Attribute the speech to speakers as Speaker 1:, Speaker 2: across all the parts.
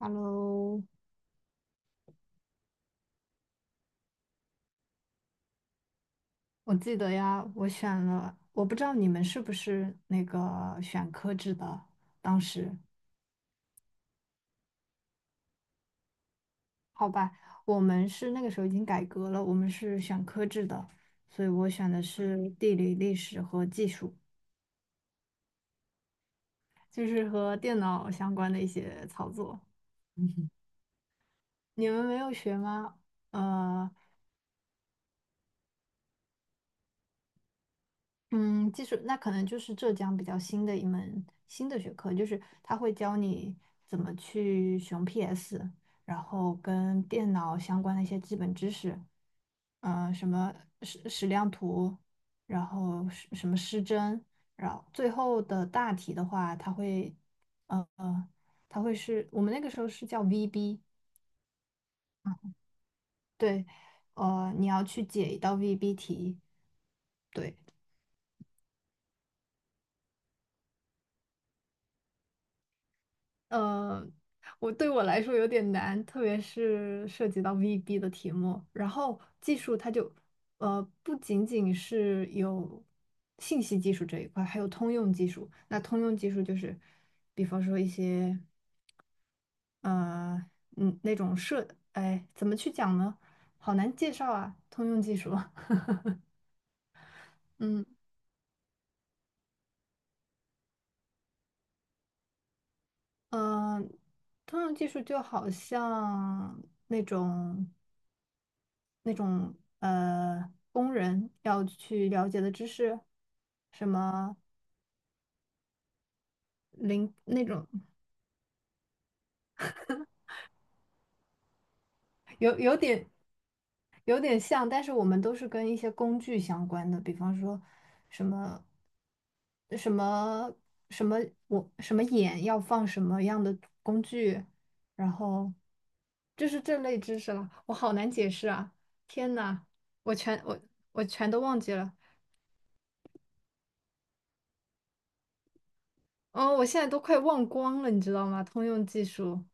Speaker 1: Hello，我记得呀，我选了，我不知道你们是不是那个选科制的，当时，好吧，我们是那个时候已经改革了，我们是选科制的，所以我选的是地理、历史和技术，就是和电脑相关的一些操作。你们没有学吗？呃，嗯，技术那可能就是浙江比较新的一门新的学科，就是它会教你怎么去使 PS，然后跟电脑相关的一些基本知识，嗯、什么矢量图，然后什么失真，然后最后的大题的话，它会，呃，它会是我们那个时候是叫 VB，对，你要去解一道 VB 题。对。呃，对我来说有点难，特别是涉及到 VB 的题目。然后技术它就，不仅仅是有信息技术这一块，还有通用技术。那通用技术就是，比方说一些，呃，那种设，哎，怎么去讲呢？好难介绍啊，通用技术。嗯嗯。通用技术就好像那种。那种工人要去了解的知识，什么零那种有有点有点像，但是我们都是跟一些工具相关的，比方说什么什么什么什么眼要放什么样的工具，然后就是这类知识了，我好难解释啊！天呐，我全我我全都忘记了。哦，我现在都快忘光了，你知道吗？通用技术，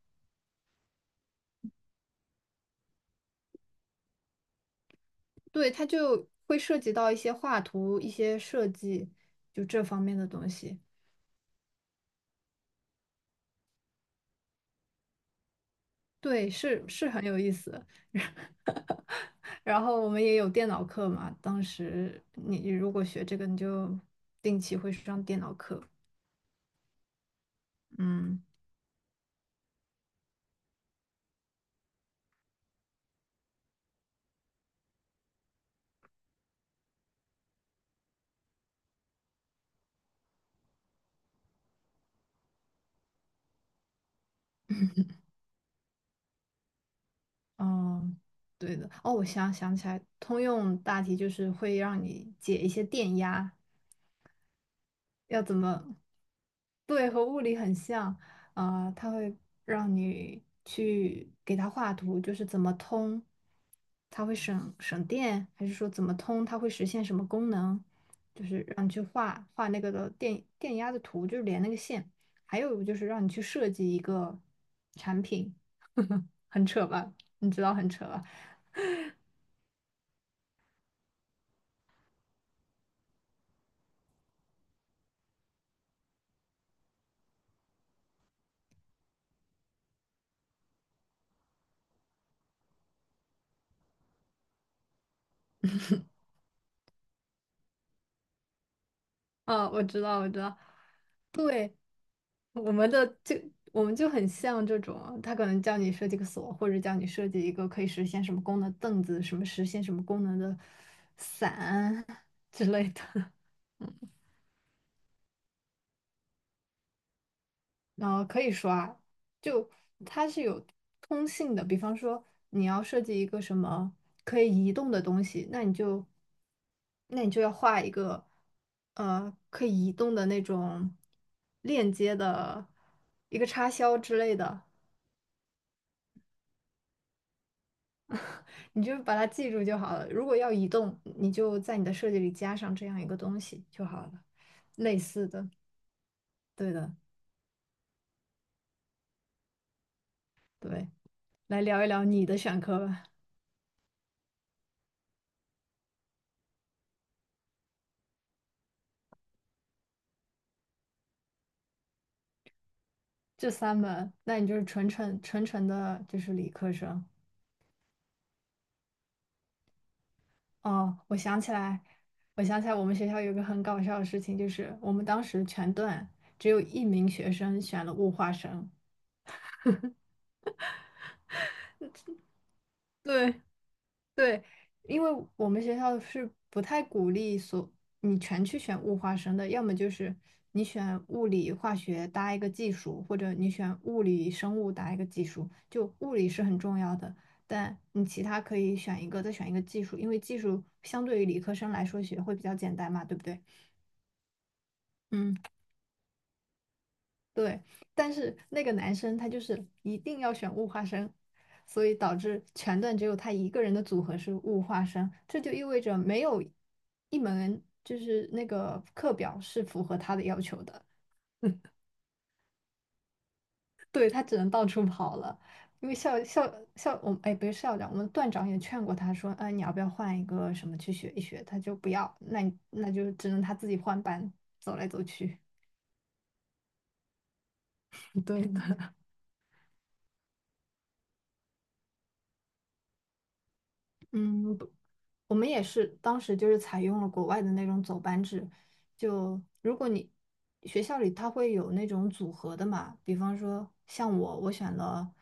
Speaker 1: 对，它就会涉及到一些画图、一些设计，就这方面的东西。对，是很有意思。然后我们也有电脑课嘛，当时你如果学这个，你就定期会上电脑课。嗯嗯，对的。哦，我想起来，通用大题就是会让你解一些电压，要怎么？对，和物理很像，啊、它会让你去给它画图，就是怎么通，它会省电，还是说怎么通，它会实现什么功能，就是让你去画画那个的电压的图，就是连那个线，还有就是让你去设计一个产品，很扯吧？你知道很扯吧？啊，我知道，我知道，对，我们的就我们就很像这种啊，他可能叫你设计个锁，或者叫你设计一个可以实现什么功能的凳子，什么实现什么功能的伞 之类的。可以说啊，就它是有通信的。比方说，你要设计一个什么可以移动的东西，那你就，那你就要画一个，可以移动的那种链接的一个插销之类的，你就把它记住就好了。如果要移动，你就在你的设计里加上这样一个东西就好了，类似的，对的，对。来聊一聊你的选科吧。这三门，那你就是纯纯的，就是理科生。哦，我想起来，我想起来，我们学校有个很搞笑的事情，就是我们当时全段只有一名学生选了物化生，对，对，因为我们学校是不太鼓励你全去选物化生的，要么就是你选物理化学搭一个技术，或者你选物理生物搭一个技术。就物理是很重要的，但你其他可以选一个，再选一个技术，因为技术相对于理科生来说学会比较简单嘛，对不对？嗯，对，但是那个男生他就是一定要选物化生，所以导致全段只有他一个人的组合是物化生，这就意味着没有一门就是那个课表是符合他的要求的，对，他只能到处跑了。因为校校校我们哎不是校长，我们段长也劝过他说，哎你要不要换一个什么去学一学？他就不要，那你那就只能他自己换班走来走去。对的，嗯，我们也是当时就是采用了国外的那种走班制，就如果你学校里它会有那种组合的嘛，比方说像我，我选了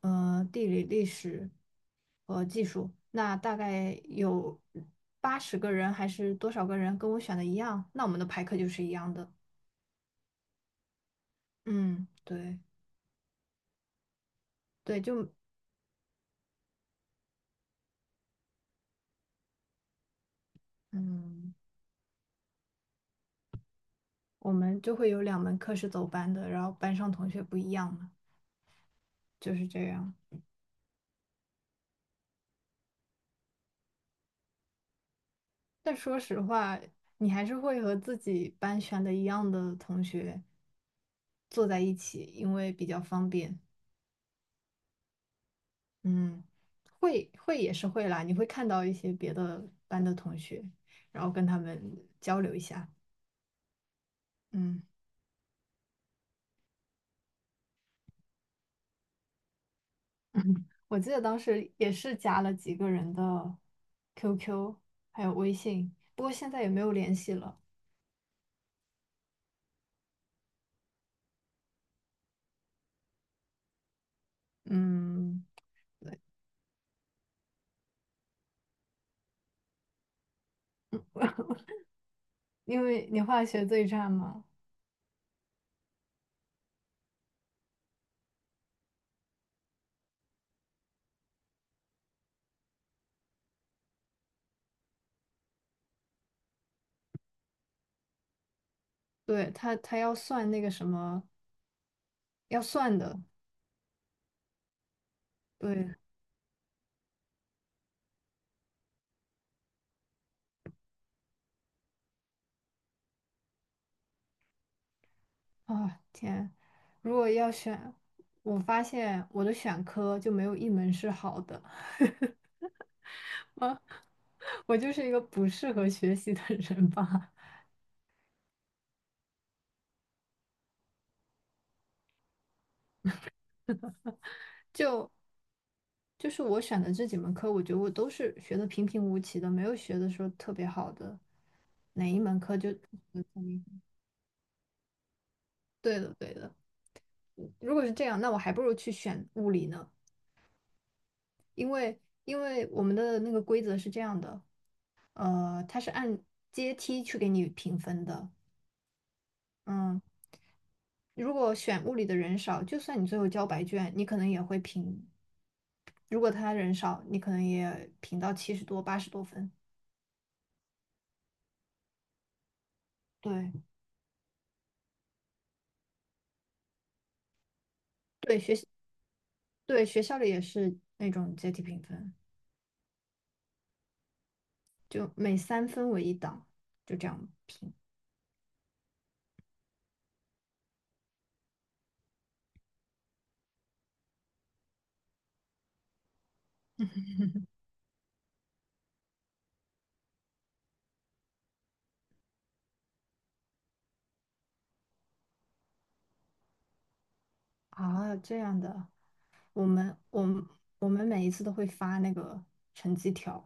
Speaker 1: 地理、历史和技术，那大概有80个人还是多少个人跟我选的一样，那我们的排课就是一样的。嗯，对，嗯，我们就会有2门课是走班的，然后班上同学不一样嘛，就是这样。但说实话，你还是会和自己班选的一样的同学坐在一起，因为比较方便。嗯，会也是会啦，你会看到一些别的班的同学，然后跟他们交流一下。嗯，我记得当时也是加了几个人的 QQ，还有微信，不过现在也没有联系了。嗯，对，因为你化学对战嘛，对，他要算那个什么，要算的。对，啊，天！如果要选，我发现我的选科就没有一门是好的，啊，我就是一个不适合学习的人吧。就就是我选的这几门课，我觉得我都是学的平平无奇的，没有学的说特别好的哪一门课就嗯对的，对的。如果是这样，那我还不如去选物理呢，因为因为我们的那个规则是这样的，它是按阶梯去给你评分的，嗯，如果选物理的人少，就算你最后交白卷，你可能也会评。如果他人少，你可能也评到70多、80多分。对对，学习对学校里也是那种阶梯评分，就每3分为一档，就这样评啊，这样的。我们我们我们每一次都会发那个成绩条。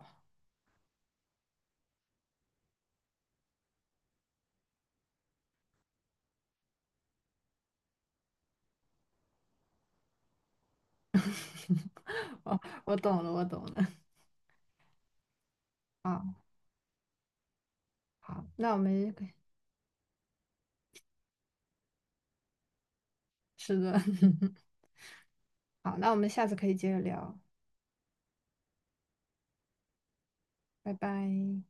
Speaker 1: 哦，我懂了，我懂了。啊，好，那我们是的，好，那我们下次可以接着聊。拜拜。